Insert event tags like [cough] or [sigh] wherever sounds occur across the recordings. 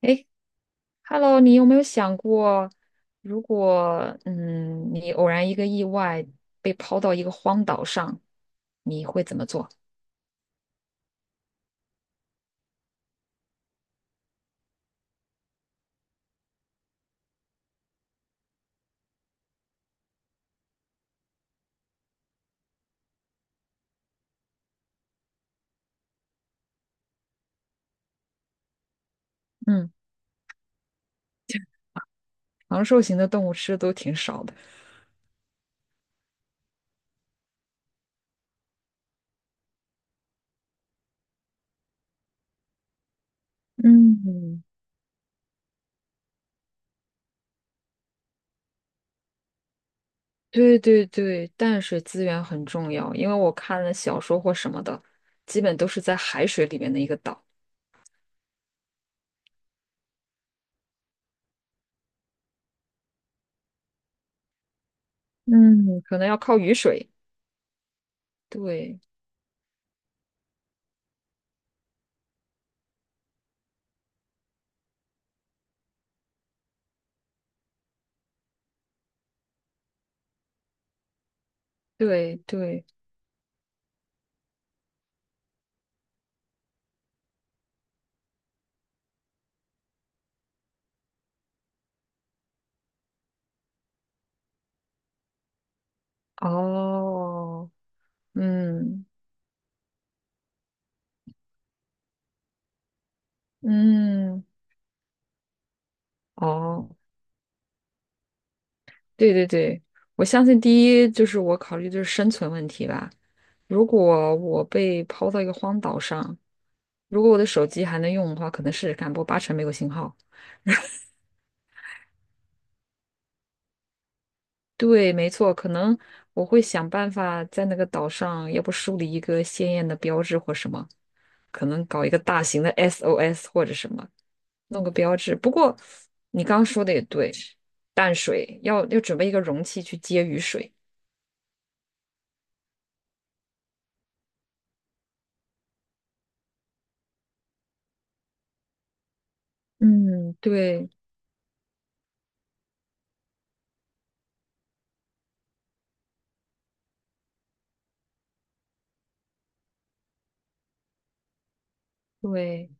诶 h e l l o 你有没有想过，如果你偶然一个意外被抛到一个荒岛上，你会怎么做？嗯，长寿型的动物吃的都挺少的。嗯，对对对，淡水资源很重要，因为我看了小说或什么的，基本都是在海水里面的一个岛。嗯，可能要靠雨水。对对对，哦，嗯嗯，哦。对对对，我相信第一就是我考虑的是生存问题吧。如果我被抛到一个荒岛上，如果我的手机还能用的话，可能是试看，不过八成没有信号。对，没错，可能我会想办法在那个岛上，要不树立一个鲜艳的标志或什么，可能搞一个大型的 SOS 或者什么，弄个标志。不过你刚刚说的也对，淡水要准备一个容器去接雨水。嗯，对对。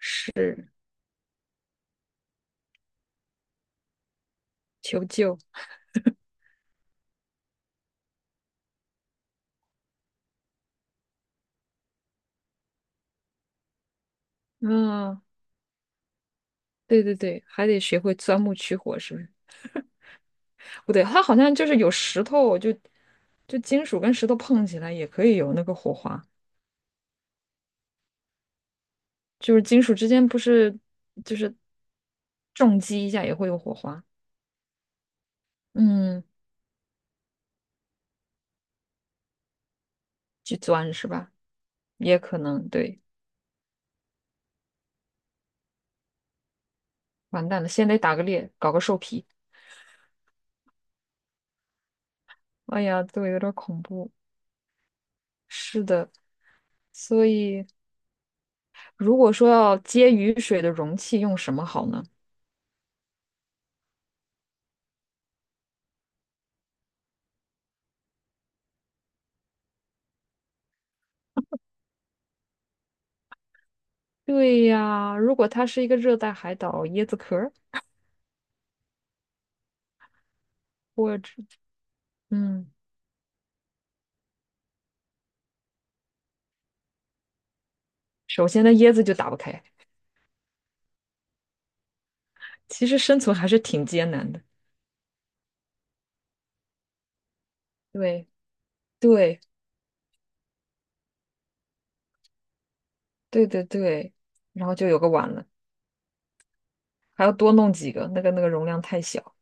是。求救啊，对对对，还得学会钻木取火，是不是？不对，它好像就是有石头，就金属跟石头碰起来也可以有那个火花，就是金属之间不是就是重击一下也会有火花，嗯，去钻是吧？也可能对，完蛋了，先得打个猎，搞个兽皮，哎呀，对，有点恐怖。是的，所以如果说要接雨水的容器用什么好呢？对呀，如果它是一个热带海岛，椰子壳儿，我只嗯，首先那椰子就打不开，其实生存还是挺艰难的。对对对对对，然后就有个碗了，还要多弄几个，那个那个容量太小，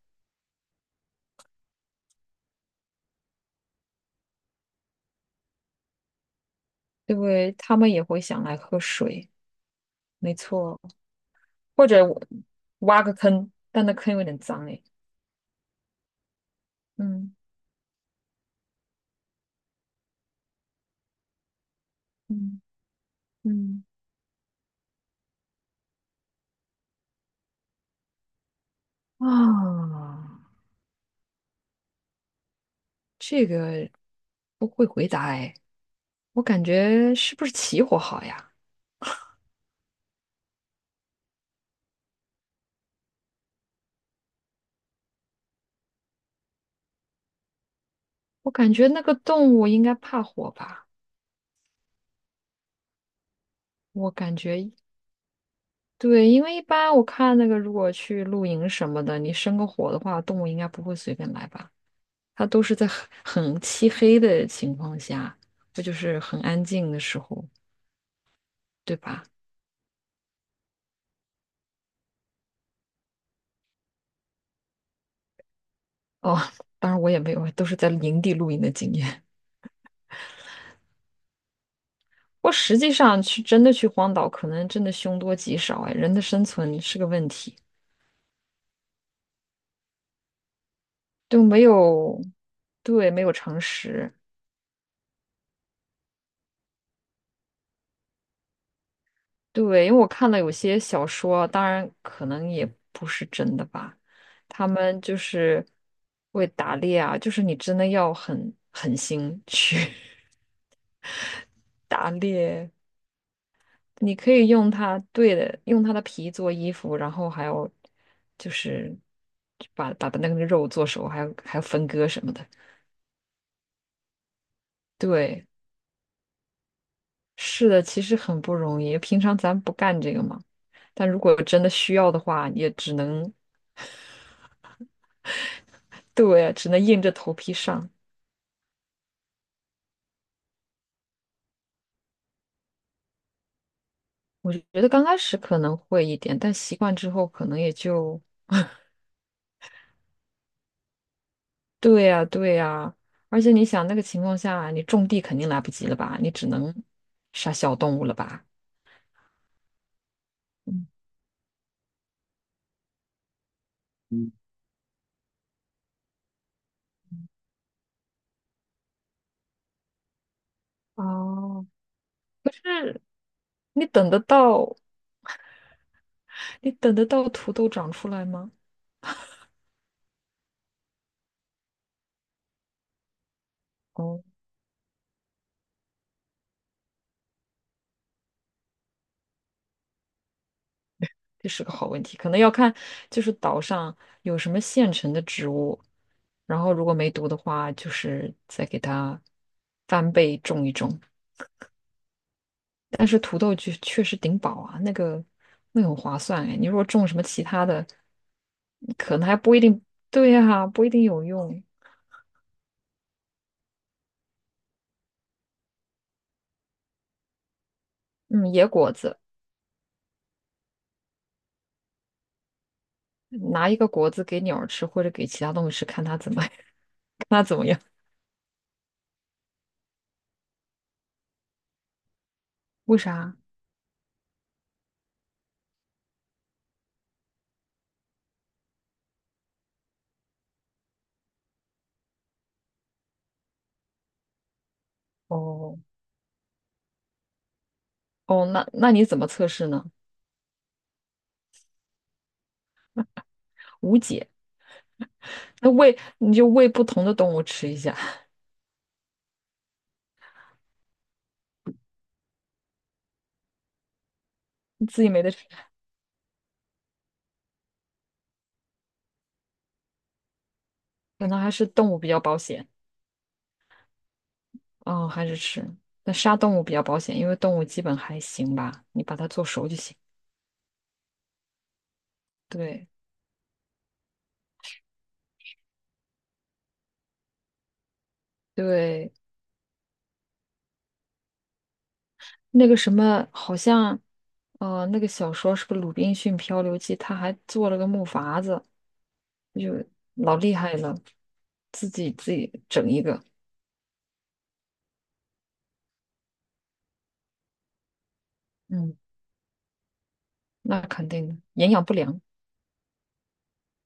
对，他们也会想来喝水，没错，或者我挖个坑，但那坑有点脏哎，嗯嗯嗯啊，这个不会回答哎，我感觉是不是起火好呀？我感觉那个动物应该怕火吧？我感觉对，因为一般我看那个，如果去露营什么的，你生个火的话，动物应该不会随便来吧？它都是在很漆黑的情况下，这就是很安静的时候，对吧？哦，当然我也没有，都是在营地露营的经验。[laughs] 不过实际上真的去荒岛，可能真的凶多吉少哎，人的生存是个问题，就没有，对，没有常识。对，因为我看了有些小说，当然可能也不是真的吧，他们就是会打猎啊，就是你真的要很狠心去 [laughs] 打猎，你可以用它，对的，用它的皮做衣服，然后还有就是把那个肉做熟，还有分割什么的。对，是的，其实很不容易，平常咱不干这个嘛，但如果真的需要的话，也只能对，只能硬着头皮上。我觉得刚开始可能会一点，但习惯之后可能也就，对呀，对呀。而且你想那个情况下，你种地肯定来不及了吧？你只能杀小动物了吧？嗯，哦，是你等得到，你等得到土豆长出来吗？哦，这是个好问题，可能要看就是岛上有什么现成的植物，然后如果没毒的话，就是再给它翻倍种一种。但是土豆确实顶饱啊，那个那个很划算哎。你如果种什么其他的，可能还不一定，对呀、不一定有用。嗯，野果子，拿一个果子给鸟儿吃，或者给其他动物吃，看它怎么 [laughs] 看它怎么样。为啥？哦哦，那你怎么测试呢？无解。那喂，你就喂不同的动物吃一下，[laughs] 你自己没得吃，可能还是动物比较保险。哦，还是吃。那杀动物比较保险，因为动物基本还行吧，你把它做熟就行。对。对，那个什么，好像，那个小说是个《鲁滨逊漂流记》，他还做了个木筏子，就老厉害了，自己整一个，嗯，那肯定的，营养不良，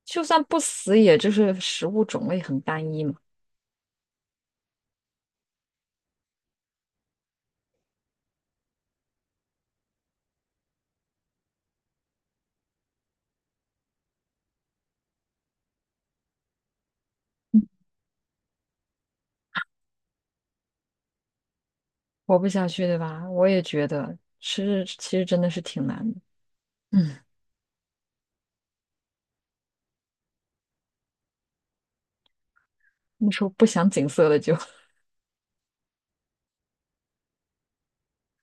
就算不死，也就是食物种类很单一嘛，活不下去，对吧？我也觉得吃，其实真的是挺难的，嗯，那时候不想景色了就，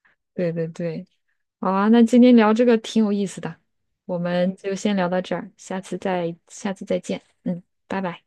[laughs] 对对对，好啊，那今天聊这个挺有意思的，我们就先聊到这儿，下次再见，嗯，拜拜。